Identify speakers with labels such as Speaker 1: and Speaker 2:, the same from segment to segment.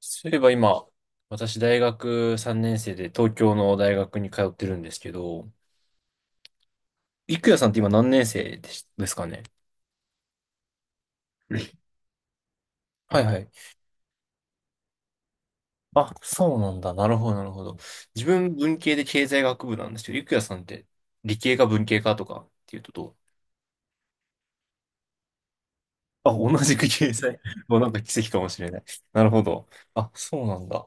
Speaker 1: そういえば今、私大学3年生で東京の大学に通ってるんですけど、いくやさんって今何年生ですかね？はいはい。あ、そうなんだ。なるほど、なるほど。自分文系で経済学部なんですけど、いくやさんって理系か文系かとかっていうとどう？あ、同じく経済。もうなんか奇跡かもしれない。なるほど。あ、そうなんだ。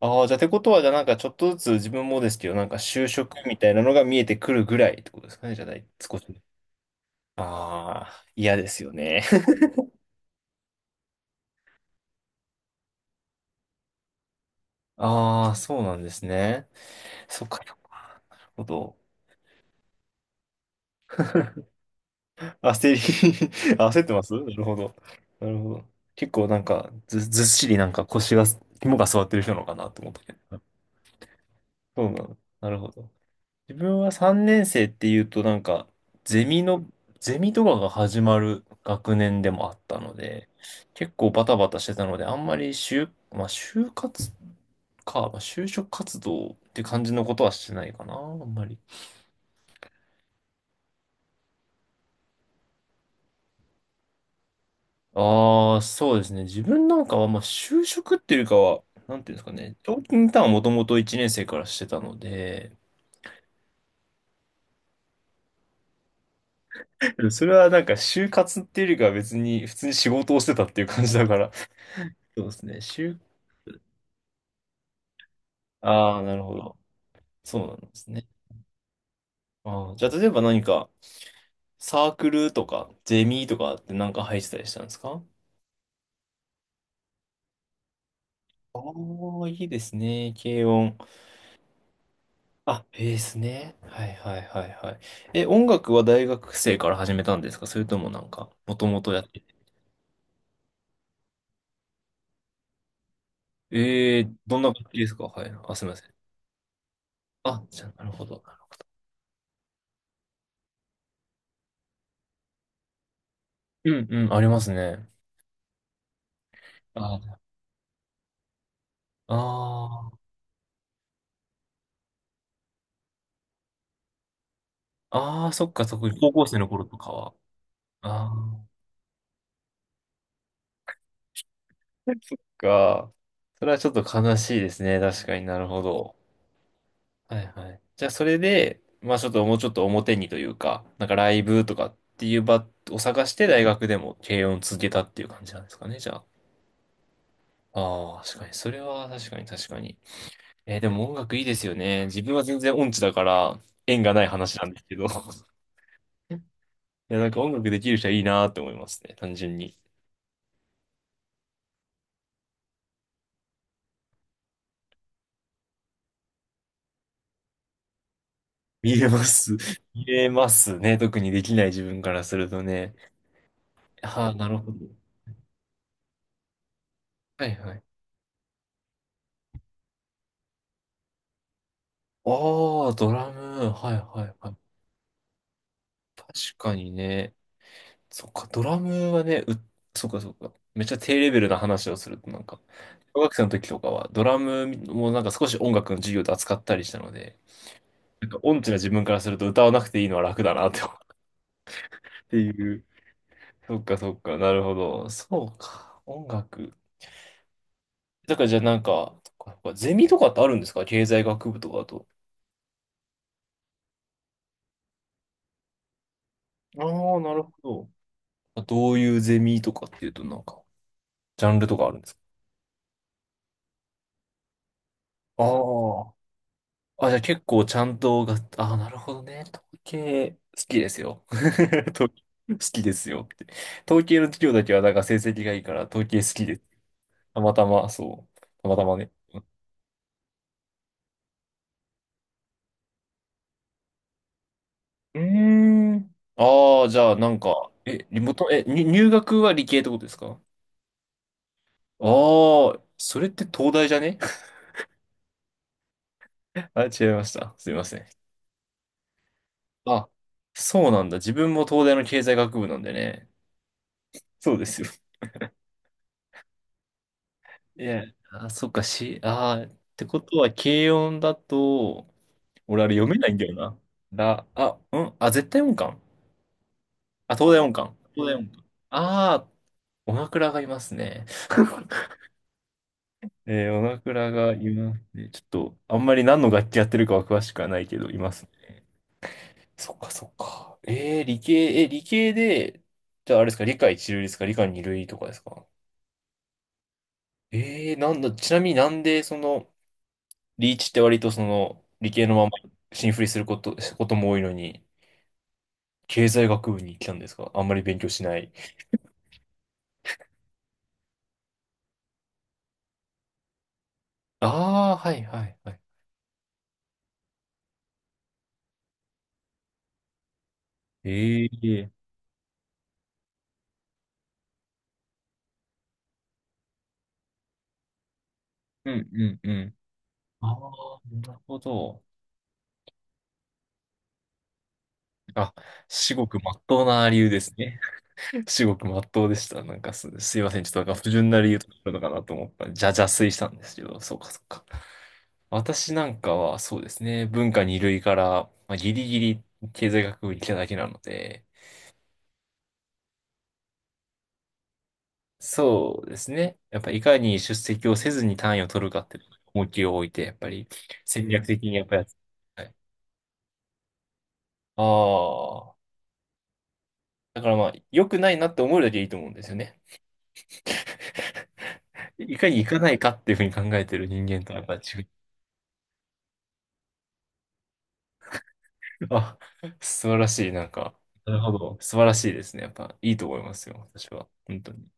Speaker 1: ああ、じゃあ、てことは、じゃあなんかちょっとずつ自分もですけど、なんか就職みたいなのが見えてくるぐらいってことですかね、じゃあ、少し。ああ、嫌ですよね。ああ、そうなんですね。そっか、そっか。なるほど。焦り 焦ってます、なるほど。なるほど。結構なんか、ずっしりなんか腰が、肝が座ってる人なのかなと思ったけど。そうなの。なるほど。自分は3年生っていうとなんか、ゼミの、ゼミとかが始まる学年でもあったので、結構バタバタしてたので、あんまりまあ就活か、まあ、就職活動って感じのことはしてないかな、あんまり。ああ、そうですね。自分なんかは、まあ就職っていうかは、なんていうんですかね、長期インターンをもともと1年生からしてたので、それはなんか就活っていうよりかは別に普通に仕事をしてたっていう感じだから、そうですね。ああ、なるほど。そうなんですね。ああ、じゃあ、例えば何か、サークルとか、ゼミとかってなんか入ってたりしたんですか？ああ、いいですね。軽音。あ、ベースね。はいはいはいはい。え、音楽は大学生から始めたんですか？それともなんか、もともとやってて。どんな楽器ですか？はい。あ、すみません。あ、じゃあ、なるほど。うんうん、ありますね。ああ、あーあー、そっかそっか。高校生の頃とかは。ああ。そっか。それはちょっと悲しいですね。確かになるほど。はいはい。じゃあそれで、まあちょっともうちょっと表にというか、なんかライブとかっていう場を探して大学でも軽音を続けたっていう感じなんですかね、じゃあ。ああ、確かに。それは確かに確かに。でも音楽いいですよね。自分は全然音痴だから縁がない話なんですけど。いや、なんか音楽できる人はいいなって思いますね。単純に。見えます。見えますね。特にできない自分からするとね。はあ、なるほど。はいはい。ああ、ドラム。はいはいはい。確かにね。そっか、ドラムはね、そっかそっか。めっちゃ低レベルな話をすると、なんか、小学生の時とかは、ドラムもなんか少し音楽の授業で扱ったりしたので、なんか音痴な自分からすると歌わなくていいのは楽だなって思うっていう。そっかそっか、なるほど。そうか、音楽。だからじゃあなんか、そっかそっかゼミとかってあるんですか？経済学部とかだと。ああ、なるほど。どういうゼミとかっていうと、なんか、ジャンルとかあるんですか？ああ。あ、じゃあ結構ちゃんとが、ああ、なるほどね。統計、好きですよ。統計好きですよって。統計の授業だけはなんか成績がいいから、統計好きです。たまたま、そう。たまたまね。うーん。ああ、じゃあなんか、え、リモート、え、に入学は理系ってことですか？ああ、それって東大じゃね？ あ、違いました。すいません。あ、そうなんだ。自分も東大の経済学部なんでね。そうですよ。いや、あ、そっか、し、あー、ってことは、軽音だと、俺あれ読めないんだよな。うん、あ、絶対音感。あ、東大音感。東大音感。ああ、おなクがいますね。おなクがいますね。ちょっと、あんまり何の楽器やってるかは詳しくはないけど、いますね。そっか、そっか。理系で、じゃああれですか、理科一類ですか、理科二類とかですか。なんだ、ちなみになんで、その、リーチって割とその理系のまま進振りすることも多いのに、経済学部に来たんですか？あんまり勉強しない。ああ、はいはいはい。ええうんうんうん。ああ、なるほど。あ、至極真っ当な理由ですね。至極真っ当でした。なんかすいません。ちょっとなんか不純な理由とかあるのかなと思った。じゃ、邪推したんですけど、そうかそうか。私なんかはそうですね。文化二類から、まあ、ギリギリ経済学部に来ただけなので、そうですね。やっぱいかに出席をせずに単位を取るかって重きを置いて、やっぱり戦略的にやっぱりやつ。はい。ああ。だからまあ、良くないなって思うだけいいと思うんですよね。いかに行かないかっていうふうに考えてる人間とはやっぱ違う。あ、素晴らしい。なんか、なるほど。素晴らしいですね。やっぱいいと思いますよ。私は。本当に。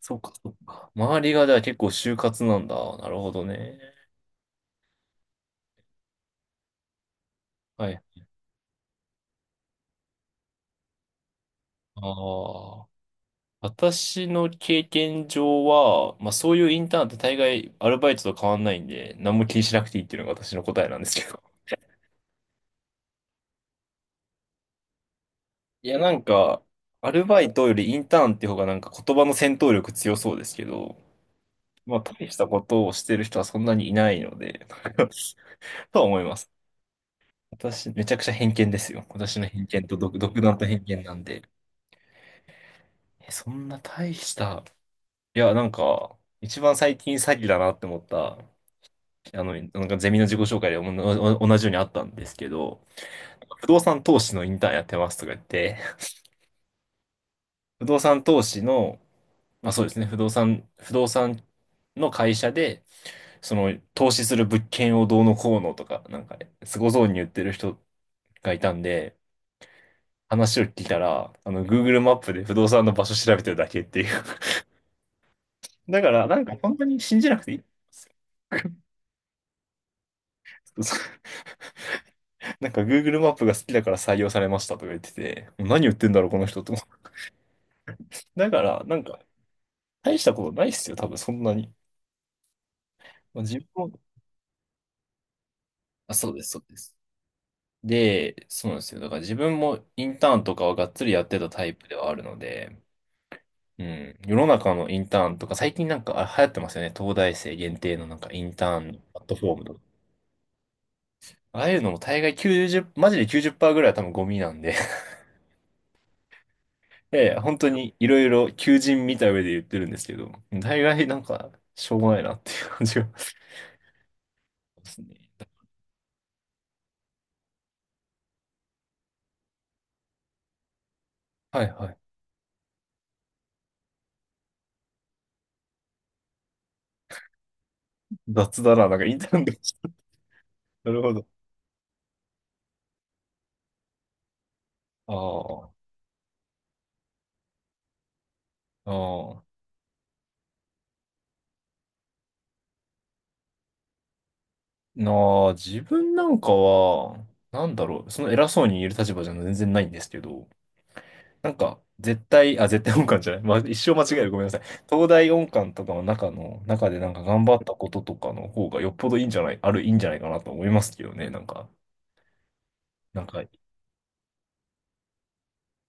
Speaker 1: そうか、そうか。周りがじゃあ結構就活なんだ。なるほどね。はい。ああ。私の経験上は、まあそういうインターンって大概アルバイトと変わんないんで、何も気にしなくていいっていうのが私の答えなんですけど。いやなんか、アルバイトよりインターンって方がなんか言葉の戦闘力強そうですけど、まあ大したことをしてる人はそんなにいないので、とは思います。私、めちゃくちゃ偏見ですよ。私の偏見と独断と偏見なんで。え、そんな大した、いやなんか、一番最近詐欺だなって思った、あの、なんかゼミの自己紹介で同じようにあったんですけど、不動産投資のインターンやってますとか言って、不動産投資の、まあそうですね、不動産の会社で、その投資する物件をどうのこうのとか、なんか、すごそうに言ってる人がいたんで、話を聞いたら、あの、Google マップで不動産の場所調べてるだけっていう。だから、なんか本当に信じなくていい。そう、なんか Google マップが好きだから採用されましたとか言ってて、何言ってんだろう、この人と思って。だから、なんか、大したことないっすよ、多分そんなに。まあ、自分も、あ、そうです、そうです。で、そうなんですよ。だから自分もインターンとかはがっつりやってたタイプではあるので、うん。世の中のインターンとか、最近なんかあ流行ってますよね。東大生限定のなんかインターンのプラットフォームとか。ああいうのも大概90、マジで90%ぐらいは多分ゴミなんで。 いやいや 本当にいろいろ求人見た上で言ってるんですけど、大概なんかしょうがないなっていう感じがしますね。はいはい。雑だな、なんかインターンでした。なるほど。ああ。ああ。な自分なんかは、なんだろう、その偉そうに言える立場じゃ全然ないんですけど、なんか、絶対音感じゃない。まあ、一生間違える。ごめんなさい。東大音感とかの中でなんか頑張ったこととかの方がよっぽどいいんじゃないかなと思いますけどね、なんか。なんか、い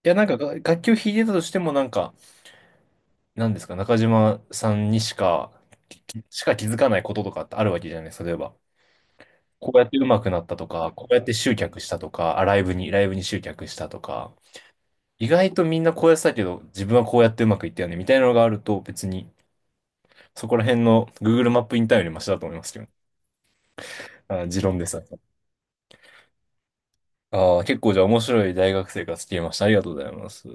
Speaker 1: や、なんかが、楽器を弾いてたとしても、なんか、なんですか、中島さんにしか、きしか気づかないこととかってあるわけじゃないですか、例えば。こうやって上手くなったとか、こうやって集客したとか、あ、ライブに集客したとか、意外とみんなこうやってたけど、自分はこうやってうまくいったよね、みたいなのがあると、別に、そこら辺の Google マップインターンよりマシだと思いますけど。あ、持論です。ああ、結構じゃあ面白い大学生活聞けました。ありがとうございます。